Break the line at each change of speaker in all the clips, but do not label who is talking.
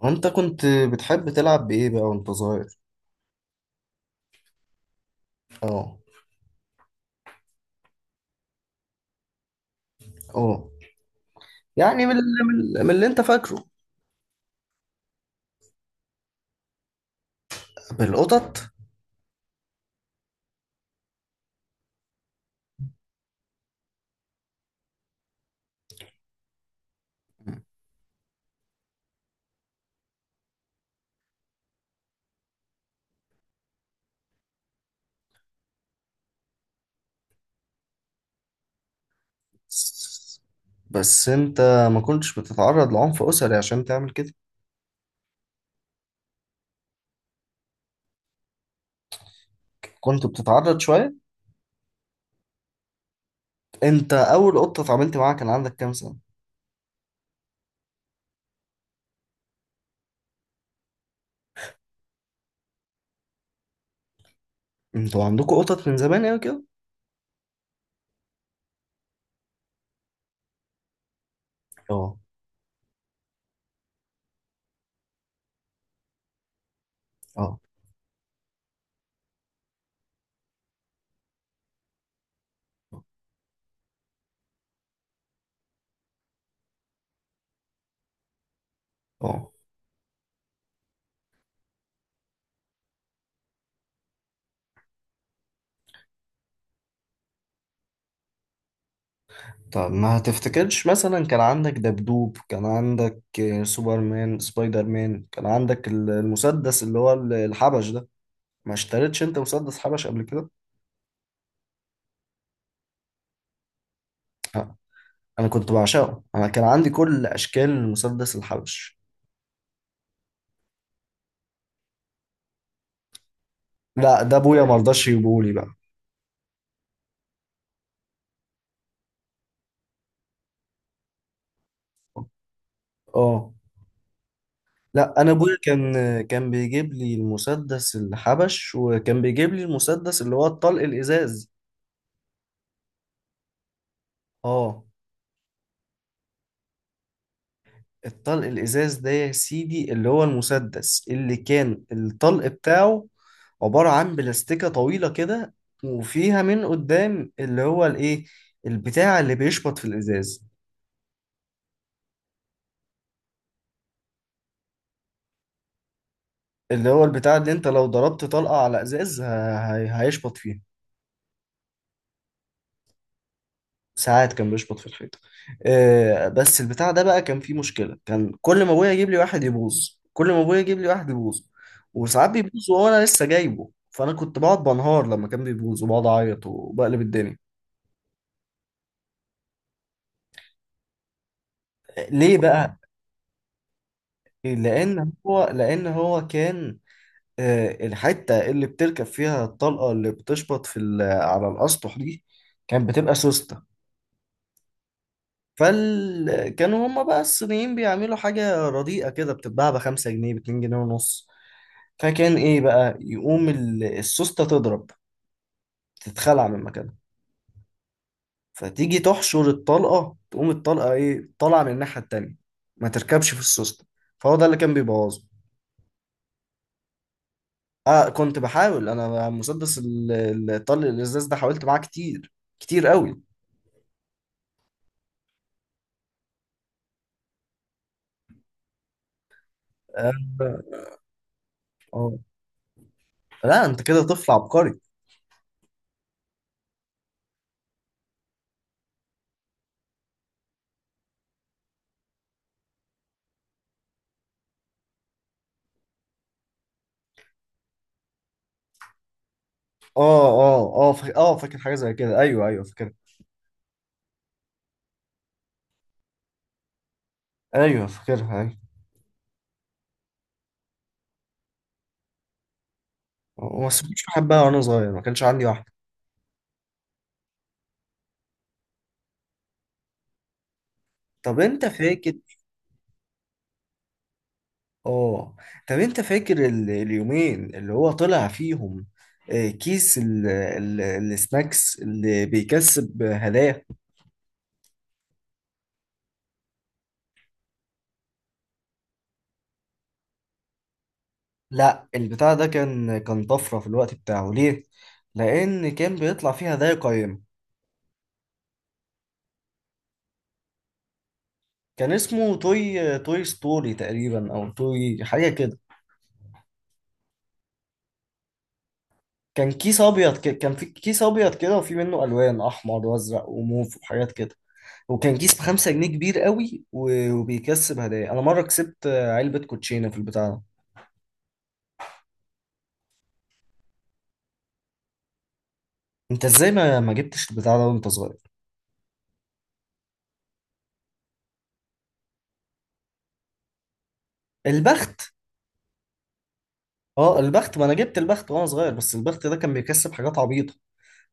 وانت كنت بتحب تلعب بايه بقى وانت صغير؟ اه. اه. يعني من اللي انت فاكره؟ بالقطط. بس انت ما كنتش بتتعرض لعنف اسري عشان تعمل كده؟ كنت بتتعرض شويه؟ انت اول قطه اتعاملت معاها كان عندك كام سنه؟ انتوا عندكم قطط من زمان قوي كده؟ اه. اه. اه. طب ما هتفتكرش مثلا كان عندك دبدوب، كان عندك سوبرمان، سبايدر مان، كان عندك المسدس اللي هو الحبش ده؟ ما اشتريتش انت مسدس حبش قبل كده؟ آه. انا كنت بعشقه، انا كان عندي كل اشكال المسدس الحبش. لا، ده ابويا ما رضاش يجيبهولي بقى. اه. لا، انا ابويا كان، كان بيجيب لي المسدس الحبش، وكان بيجيب لي المسدس اللي هو الطلق الازاز. اه. الطلق الازاز ده يا سيدي اللي هو المسدس اللي كان الطلق بتاعه عبارة عن بلاستيكة طويلة كده، وفيها من قدام اللي هو الايه، البتاع اللي بيشبط في الازاز. اللي هو البتاع اللي انت لو ضربت طلقة على ازاز هيشبط فيه. ساعات كان بيشبط في الحيطة. بس البتاع ده بقى كان فيه مشكلة، كان كل ما ابويا يجيب لي واحد يبوظ، كل ما ابويا يجيب لي واحد يبوظ. وساعات بيبوظ وانا لسه جايبه، فانا كنت بقعد بنهار لما كان بيبوظ وبقعد اعيط وبقلب الدنيا. آه، ليه بقى؟ لان هو كان الحتة اللي بتركب فيها الطلقة اللي بتشبط على الاسطح دي كانت بتبقى سوستة. فكانوا هما بقى الصينيين بيعملوا حاجة رديئة كده بتتباع ب5 جنيه، ب2.5 جنيه. فكان ايه بقى، يقوم السوستة تضرب، تتخلع من مكانها، فتيجي تحشر الطلقة تقوم الطلقة ايه طالعة من الناحية التانية، ما تركبش في السوستة. فهو ده اللي كان بيبوظه. اه، كنت بحاول، انا مسدس الطلق الازاز ده حاولت معاه كتير، كتير قوي. اه. آه. لا، انت كده طفل عبقري. اه. اه. اه. فاكر حاجة زي كده، ايوه، ايوه، فاكر. ايوه فاكرها، ايوه. وما سبتش بحبها وانا صغير، ما كانش عندي واحده. طب انت فاكر؟ اه. طب انت فاكر اليومين اللي هو طلع فيهم كيس السناكس اللي بيكسب هدايا؟ لا، البتاع ده كان طفره في الوقت بتاعه، ليه؟ لان كان بيطلع فيه هدايا قيمه. كان اسمه توي توي ستوري تقريبا، او توي، حاجه كده. كان في كيس ابيض كده، وفي منه الوان احمر وازرق وموف وحاجات كده. وكان كيس ب5 جنيه، كبير قوي، وبيكسب هدايا. انا مره كسبت علبه كوتشينه في البتاع ده. انت ازاي ما جبتش البتاع ده وانت صغير؟ البخت. اه، البخت، ما انا جبت البخت وانا صغير، بس البخت ده كان بيكسب حاجات عبيطه.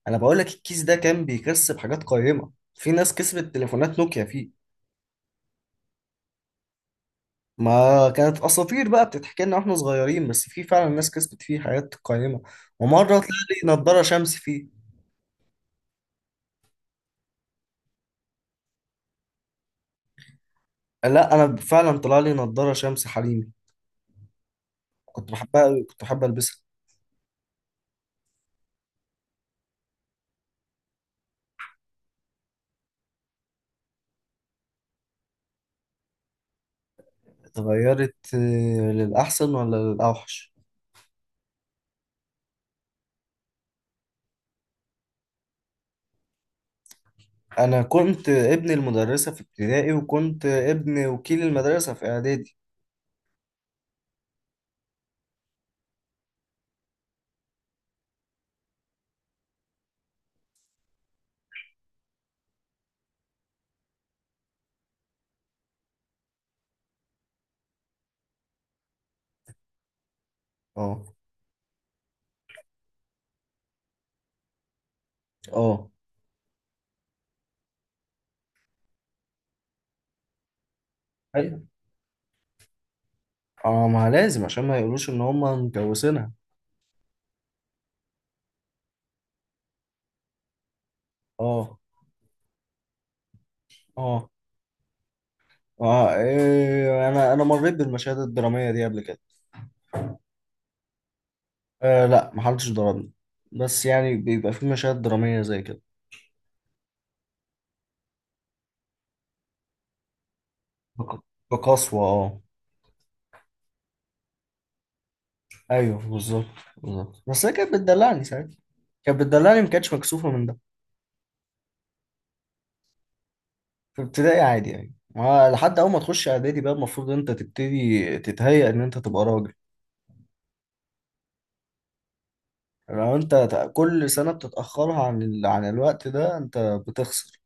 انا بقول لك الكيس ده كان بيكسب حاجات قيمه، في ناس كسبت تليفونات نوكيا فيه. ما كانت اساطير بقى بتتحكي لنا واحنا صغيرين، بس في فعلا ناس كسبت فيه حاجات قيمه. ومره طلع لي نضاره شمس فيه. لا، انا فعلا طلع لي نضاره شمس حريمي، كنت بحبها قوي، كنت بحب البسها. اتغيرت للأحسن ولا للأوحش؟ أنا كنت ابن المدرسة في ابتدائي، وكنت ابن وكيل المدرسة في إعدادي. اه. اه. أيوة. اه، ما لازم عشان ما يقولوش إن هما مجوزينها. اه. اه. اه. إيه، أنا مريت بالمشاهد الدرامية دي قبل كده. آه، لا، محدش ضربني، بس يعني بيبقى في مشاهد درامية زي كده. بق- بقسوة، اه. أيوه بالظبط، بالظبط، بس هي كانت بتدلعني ساعتها، كانت بتدلعني، ما كانتش مكسوفة من ده. في ابتدائي عادي يعني، ما لحد اول ما تخش اعدادي بقى المفروض انت تبتدي تتهيأ ان انت تبقى راجل. لو انت كل سنة بتتأخرها عن الوقت ده انت بتخسر.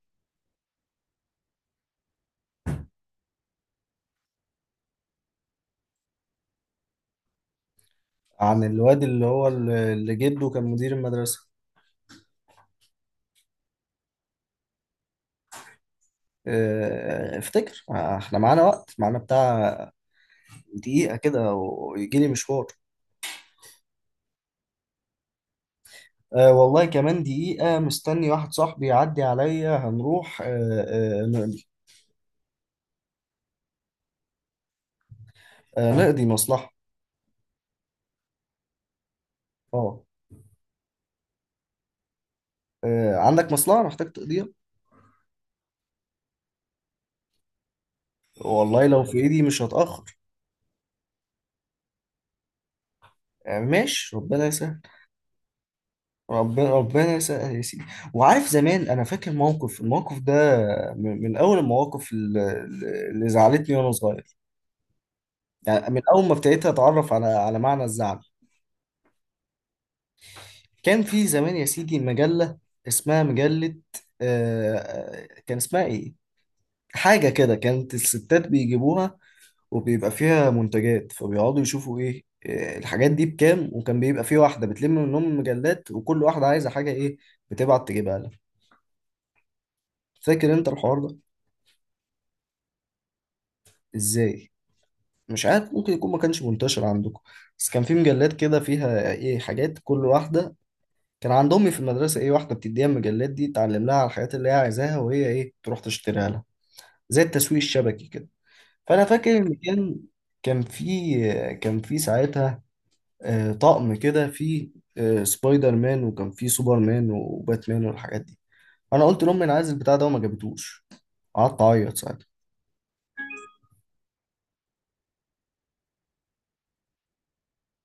عن الواد اللي هو اللي جده كان مدير المدرسة. اه، افتكر، ما احنا معانا وقت، معانا بتاع دقيقة كده ويجي لي مشوار. أه، والله كمان دقيقة، مستني واحد صاحبي يعدي عليا هنروح. أه. أه نقضي. أه نقضي مصلحة. اه. أه، عندك مصلحة محتاج تقضيها؟ والله لو في ايدي مش هتأخر. يعني ماشي، ربنا يسهل. ربنا، ربنا يسهل يا سيدي. وعارف زمان، انا فاكر موقف، الموقف ده من اول المواقف اللي زعلتني وانا صغير، يعني من اول ما ابتديت اتعرف على معنى الزعل. كان في زمان يا سيدي مجلة اسمها مجلة، كان اسمها ايه، حاجة كده، كانت الستات بيجيبوها، وبيبقى فيها منتجات، فبيقعدوا يشوفوا إيه الحاجات دي بكام، وكان بيبقى في واحدة بتلم منهم مجلات وكل واحدة عايزة حاجة ايه بتبعت تجيبها لها. فاكر انت الحوار ده؟ ازاي؟ مش عارف، ممكن يكون ما كانش منتشر عندكم، بس كان في مجلات كده فيها ايه حاجات كل واحدة. كان عند امي في المدرسة ايه واحدة بتديها المجلات دي تعلم لها على الحاجات اللي هي عايزاها، وهي ايه تروح تشتريها لها. زي التسويق الشبكي كده. فانا فاكر ان كان في كان في ساعتها طقم كده فيه سبايدر مان، وكان فيه سوبر مان وباتمان والحاجات دي. انا قلت لامي انا عايز البتاع ده وما جابتوش، قعدت اعيط ساعتها.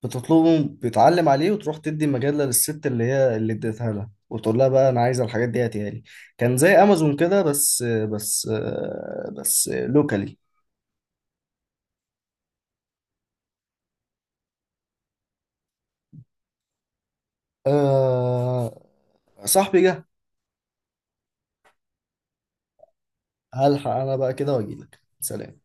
بتطلبه، بتعلم عليه وتروح تدي المجله للست اللي هي اللي اديتها لها، وتقول لها بقى انا عايزه الحاجات دي هاتيها لي. كان زي امازون كده، بس لوكالي. أه، صاحبي جه. هلحق انا بقى كده واجيلك. سلام.